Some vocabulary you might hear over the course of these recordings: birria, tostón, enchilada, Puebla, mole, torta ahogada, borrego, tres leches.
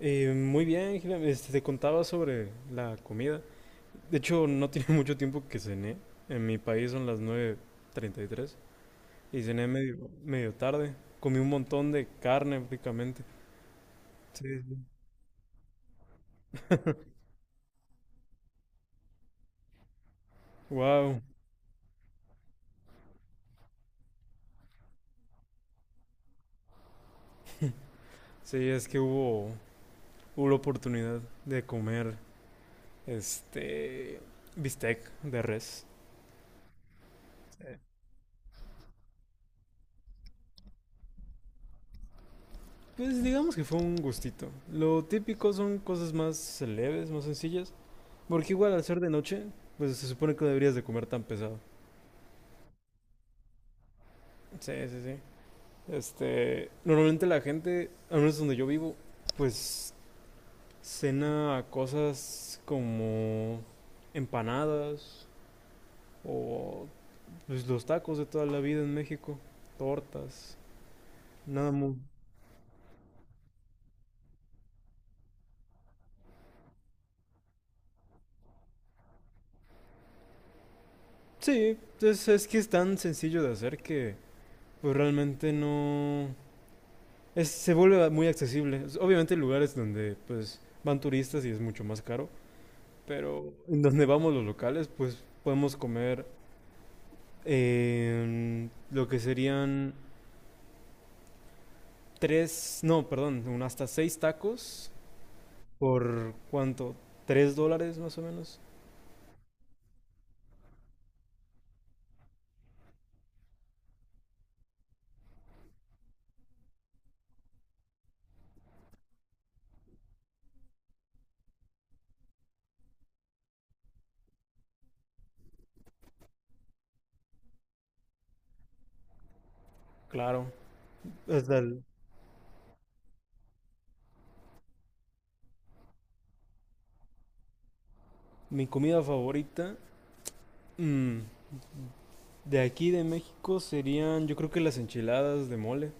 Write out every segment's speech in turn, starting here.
Muy bien, Gila. Te contaba sobre la comida. De hecho, no tiene mucho tiempo que cené. En mi país son las 9:33 y tres y cené medio tarde. Comí un montón de carne prácticamente. Sí, sí. Wow. Sí, es que hubo la oportunidad de comer este bistec de res. Pues digamos que fue un gustito. Lo típico son cosas más leves, más sencillas. Porque igual al ser de noche, pues se supone que no deberías de comer tan pesado. Sí, sí, sí. Normalmente la gente, al menos donde yo vivo, pues cena cosas como empanadas o pues, los tacos de toda la vida en México, tortas, nada muy... Sí, es que es tan sencillo de hacer que pues realmente no... se vuelve muy accesible. Obviamente hay lugares donde pues van turistas y es mucho más caro, pero en donde vamos los locales pues podemos comer lo que serían tres, no, perdón, un hasta seis tacos por cuánto, $3 más o menos. Claro, hasta el- mi comida favorita mm, de aquí de México serían, yo creo que las enchiladas de mole.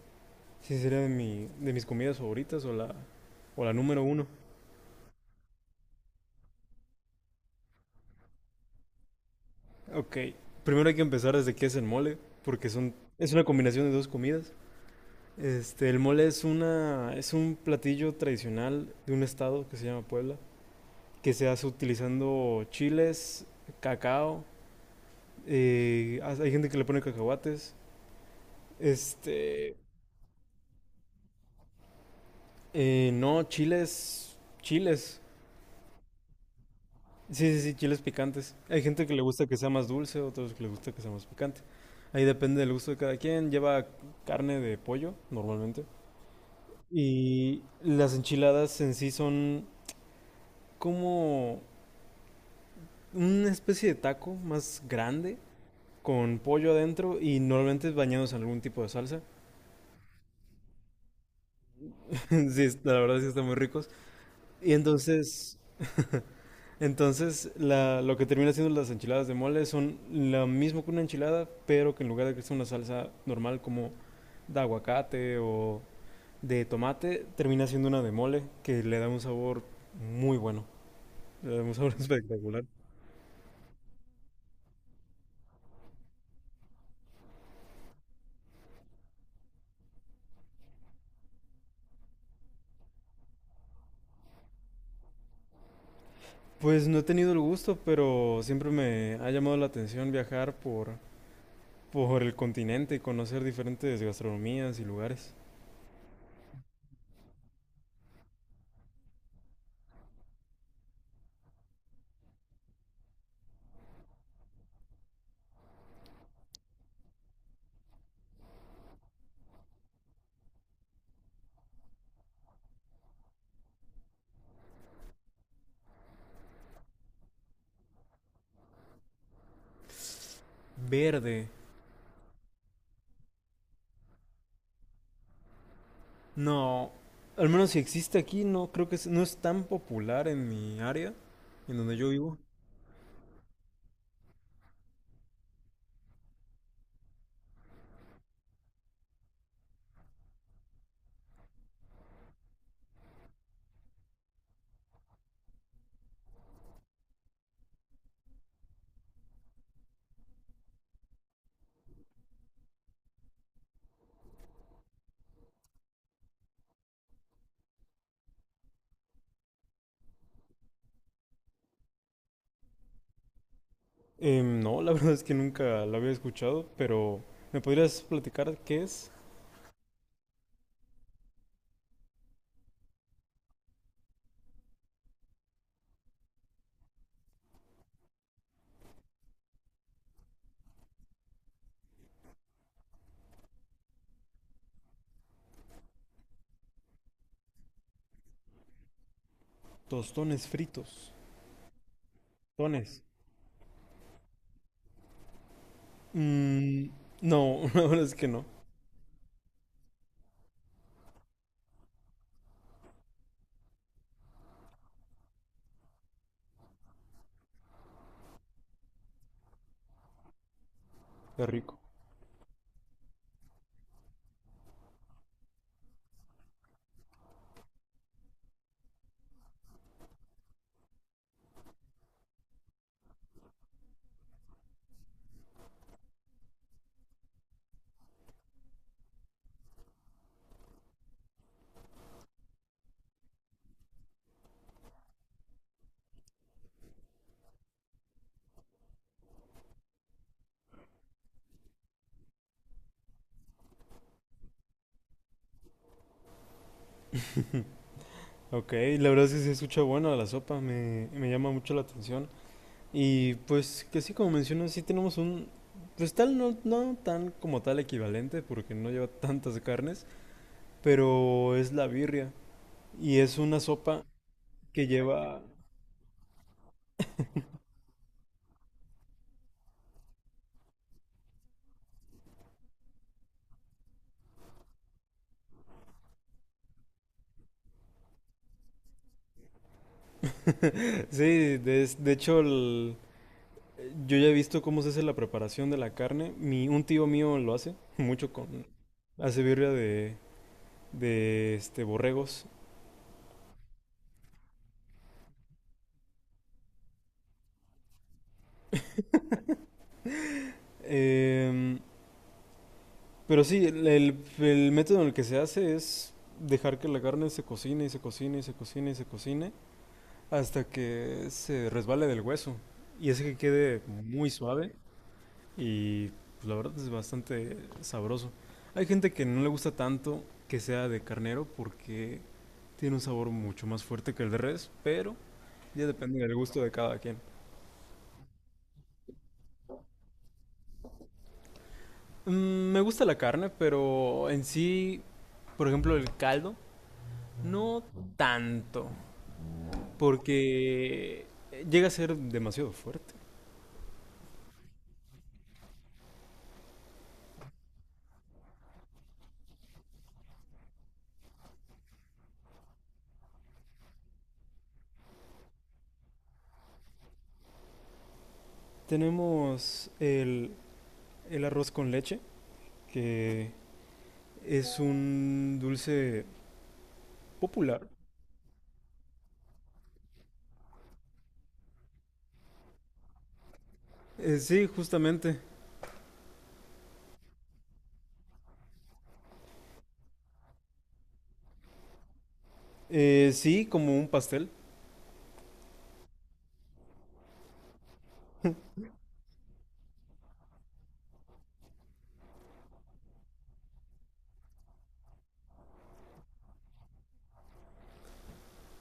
Sí, sería de mis comidas favoritas o la número uno. Ok, primero hay que empezar desde qué es el mole, porque es una combinación de dos comidas. El mole es un platillo tradicional de un estado que se llama Puebla, que se hace utilizando chiles, cacao, hay gente que le pone cacahuates, este, no, chiles, chiles, sí, sí, sí, chiles picantes. Hay gente que le gusta que sea más dulce, otros que les gusta que sea más picante. Ahí depende del gusto de cada quien. Lleva carne de pollo, normalmente. Y las enchiladas en sí son como una especie de taco más grande con pollo adentro y normalmente bañados en algún tipo de salsa. Sí, la verdad sí están muy ricos. Y entonces, lo que termina siendo las enchiladas de mole son lo mismo que una enchilada, pero que en lugar de que sea una salsa normal como de aguacate o de tomate, termina siendo una de mole que le da un sabor muy bueno. Le da un sabor espectacular. Pues no he tenido el gusto, pero siempre me ha llamado la atención viajar por el continente y conocer diferentes gastronomías y lugares. Verde. No, al menos si existe aquí, no creo que no es tan popular en mi área, en donde yo vivo. No, la verdad es que nunca la había escuchado, pero ¿me podrías platicar qué es? Tostones fritos. Tostones. Mm, no, la verdad es que no. Qué rico. Ok, la verdad es que sí se escucha bueno la sopa, me llama mucho la atención. Y pues que sí, como mencionas, sí tenemos un... Pues tal, no, no tan como tal equivalente, porque no lleva tantas carnes, pero es la birria. Y es una sopa que lleva... Sí, de hecho, yo ya he visto cómo se hace la preparación de la carne. Un tío mío lo hace, mucho con... Hace birria de borregos. Em, pero sí, el método en el que se hace es dejar que la carne se cocine y se cocine y se cocine y se cocine hasta que se resbale del hueso y hace que quede muy suave y pues, la verdad es bastante sabroso. Hay gente que no le gusta tanto que sea de carnero porque tiene un sabor mucho más fuerte que el de res, pero ya depende del gusto de cada quien. Me gusta la carne, pero en sí, por ejemplo, el caldo, no tanto, porque llega a ser demasiado fuerte. Tenemos el arroz con leche, que es un dulce popular. Sí, justamente. Sí, como un pastel.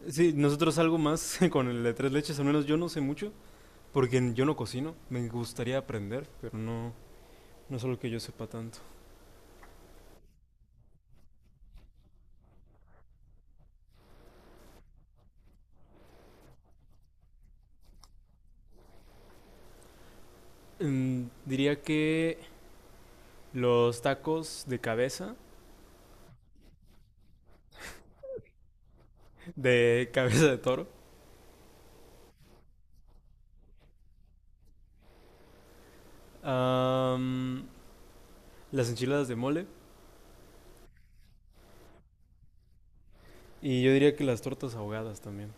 Sí, nosotros algo más con el de tres leches, al menos yo no sé mucho, porque yo no cocino. Me gustaría aprender, pero no, no es algo que yo sepa tanto. Diría que los tacos de cabeza, de cabeza de toro, am, las enchiladas de mole y yo diría que las tortas ahogadas también.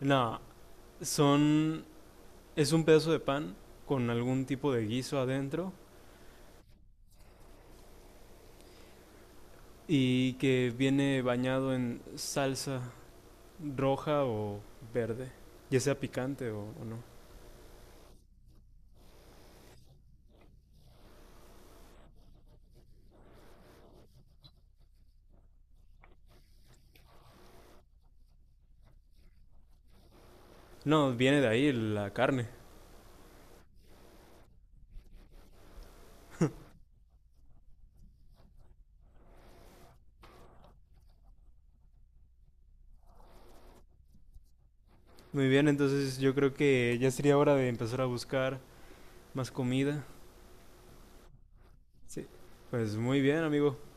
No, son es un pedazo de pan con algún tipo de guiso adentro y que viene bañado en salsa roja o verde, ya sea picante o no. No, viene de ahí la carne. Muy bien, entonces yo creo que ya sería hora de empezar a buscar más comida. Sí. Pues muy bien, amigo.